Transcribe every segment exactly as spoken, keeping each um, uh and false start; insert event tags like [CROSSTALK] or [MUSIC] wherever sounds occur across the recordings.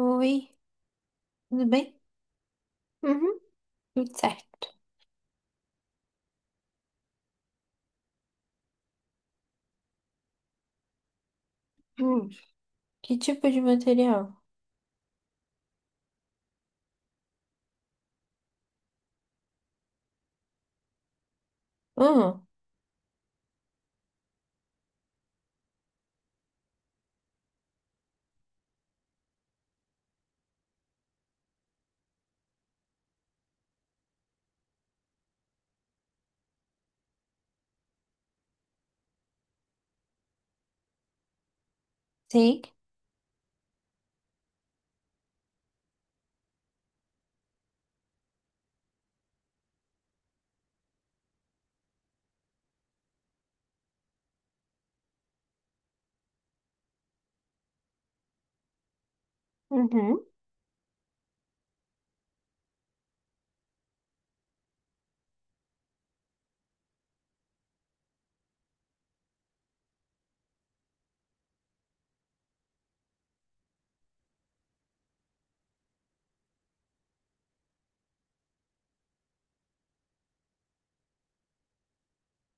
Oi, tudo bem? Uhum. Tudo certo. Hum. Que tipo de material? Ah, sim. Uhum.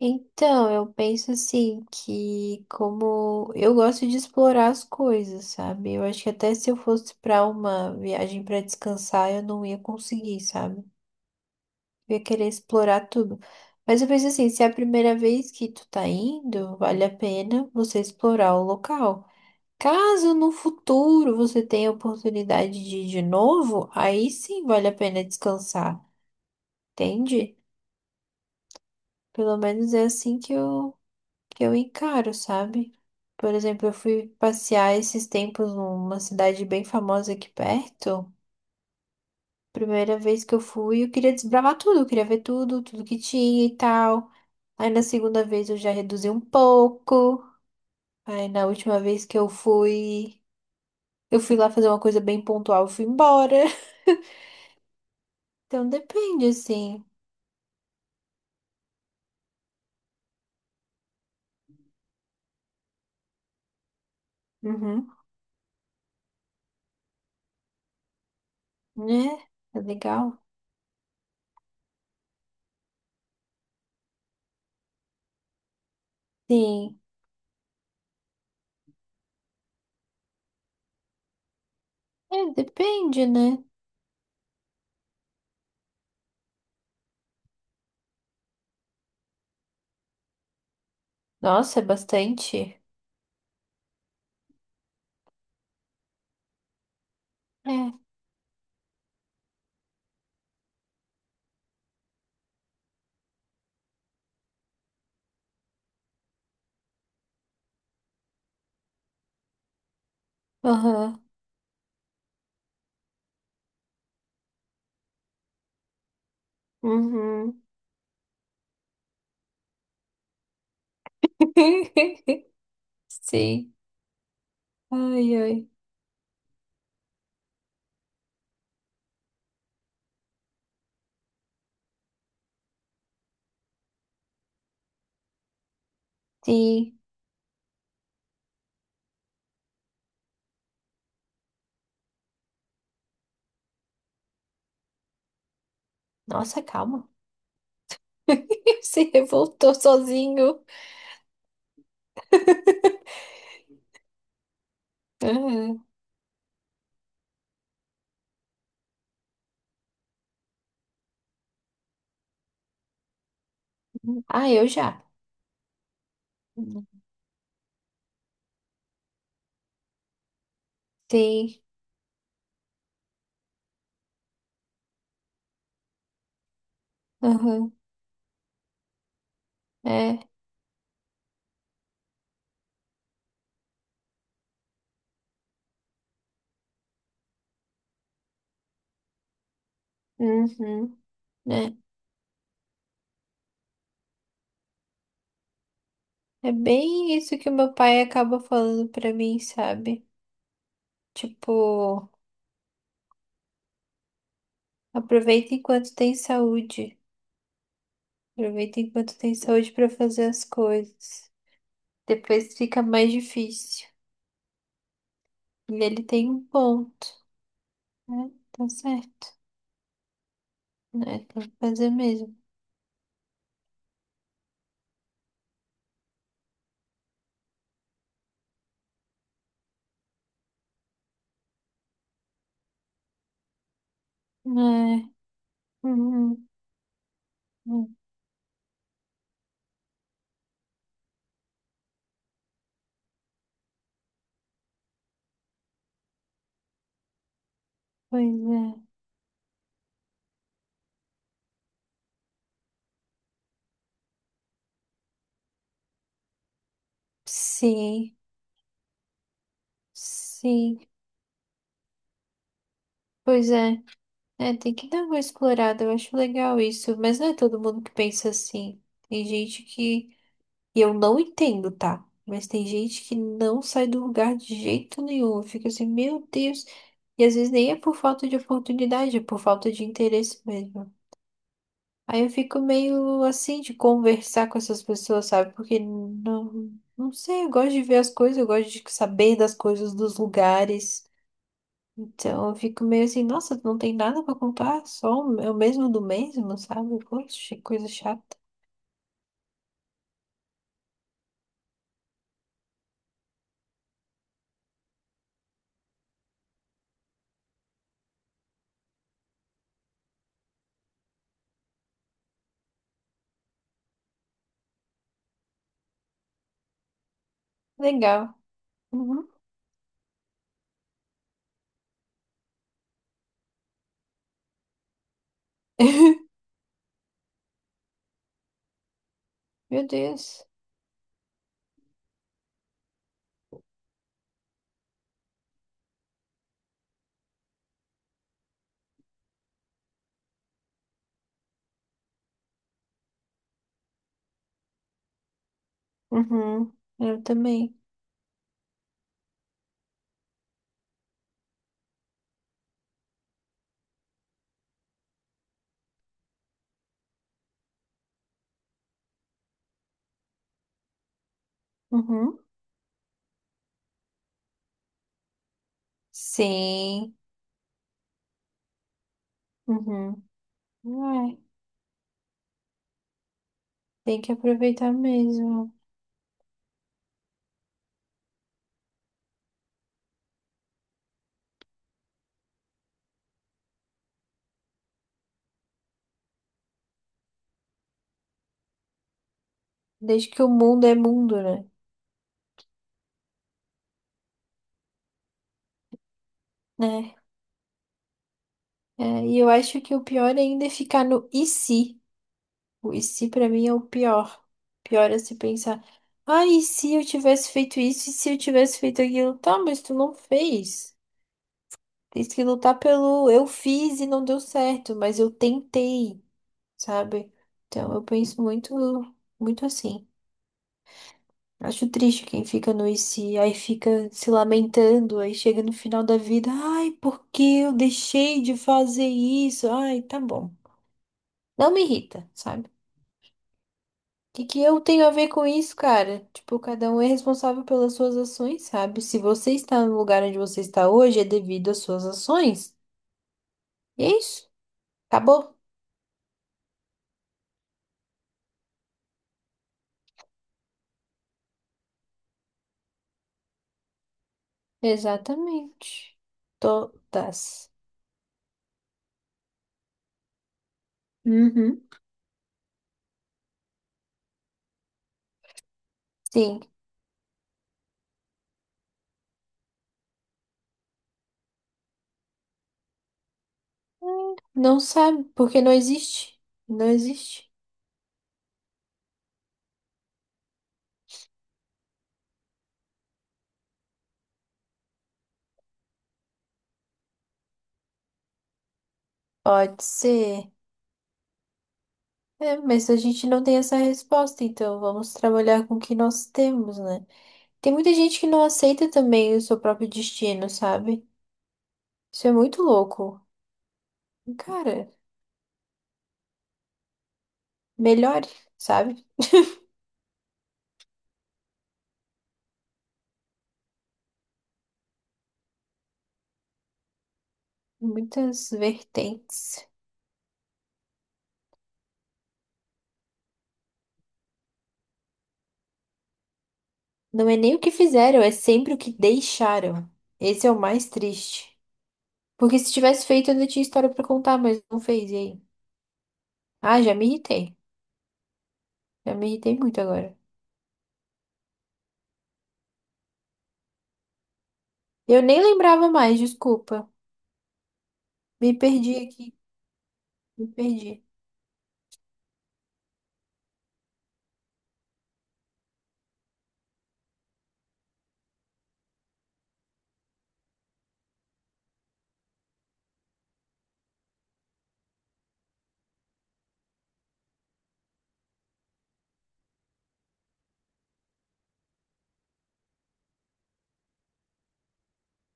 Então, eu penso assim que como eu gosto de explorar as coisas, sabe? Eu acho que até se eu fosse para uma viagem para descansar, eu não ia conseguir, sabe? Eu ia querer explorar tudo. Mas eu penso assim, se é a primeira vez que tu tá indo, vale a pena você explorar o local. Caso no futuro você tenha a oportunidade de ir de novo, aí sim vale a pena descansar, entende? Pelo menos é assim que eu, que eu encaro, sabe? Por exemplo, eu fui passear esses tempos numa cidade bem famosa aqui perto. Primeira vez que eu fui, eu queria desbravar tudo, eu queria ver tudo, tudo que tinha e tal. Aí na segunda vez eu já reduzi um pouco. Aí na última vez que eu fui, eu fui lá fazer uma coisa bem pontual, eu fui embora. Então depende, assim. Uhum. Né? É legal? Sim. É, depende, né? Nossa, é bastante. É. Aham. Uhum. [LAUGHS] Sim. Ai, ai. Sim. Nossa, calma. [LAUGHS] Se revoltou sozinho. [LAUGHS] Aham. Ah, eu já. Sim. Aham. É. Uhum. Né? É bem isso que o meu pai acaba falando pra mim, sabe? Tipo. Aproveita enquanto tem saúde. Aproveita enquanto tem saúde para fazer as coisas. Depois fica mais difícil. E ele tem um ponto, né? Tá certo. É, tem que fazer mesmo. É. Uhum. Uhum. Pois é. Sim, sim. Pois é. É, tem que dar uma explorada. Eu acho legal isso. Mas não é todo mundo que pensa assim. Tem gente que... E eu não entendo, tá? Mas tem gente que não sai do lugar de jeito nenhum. Fica assim, meu Deus. E às vezes nem é por falta de oportunidade, é por falta de interesse mesmo. Aí eu fico meio assim de conversar com essas pessoas, sabe? Porque não, não sei, eu gosto de ver as coisas, eu gosto de saber das coisas, dos lugares. Então eu fico meio assim, nossa, não tem nada pra contar, só o é o mesmo do mesmo, sabe? Poxa, que coisa chata. Legal. Uhum. [LAUGHS] Meu Deus. Uhum. Eu também. Uhum. Sim. Uhum. É, tem que aproveitar mesmo. Desde que o mundo é mundo, né? Né? É, e eu acho que o pior ainda é ficar no e se. O e se pra mim é o pior. Pior é se pensar, ah, e se eu tivesse feito isso, e se eu tivesse feito aquilo? Tá, mas tu não fez. Tem que lutar pelo eu fiz e não deu certo, mas eu tentei, sabe? Então eu penso muito, muito assim. Acho triste quem fica no I C, aí fica se lamentando, aí chega no final da vida, ai, por que eu deixei de fazer isso? Ai, tá bom. Não me irrita, sabe? O que que eu tenho a ver com isso, cara? Tipo, cada um é responsável pelas suas ações, sabe? Se você está no lugar onde você está hoje, é devido às suas ações. E é isso. Acabou? Exatamente. Todas. Uhum. Sim. Não sabe, porque não existe. Não existe. Pode ser. É, mas a gente não tem essa resposta, então vamos trabalhar com o que nós temos, né? Tem muita gente que não aceita também o seu próprio destino, sabe? Isso é muito louco. Cara, melhore, sabe? Muitas vertentes. Não é nem o que fizeram, é sempre o que deixaram. Esse é o mais triste. Porque se tivesse feito, eu ainda tinha história pra contar, mas não fez, e aí? Ah, já me irritei. Já me irritei muito agora. Eu nem lembrava mais, desculpa. Me perdi aqui, me perdi.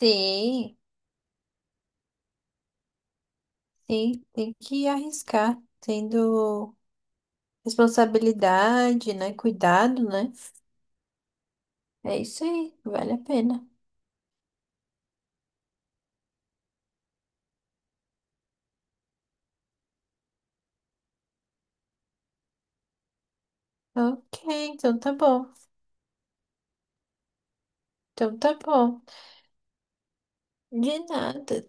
Sim. Tem, tem que arriscar, tendo responsabilidade, né? Cuidado, né? É isso aí, vale a pena. Ok, então tá bom. Então tá bom. De nada.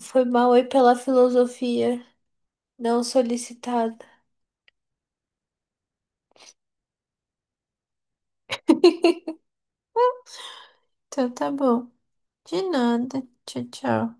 Foi mal aí pela filosofia não solicitada. [LAUGHS] Então tá bom. De nada. Tchau, tchau.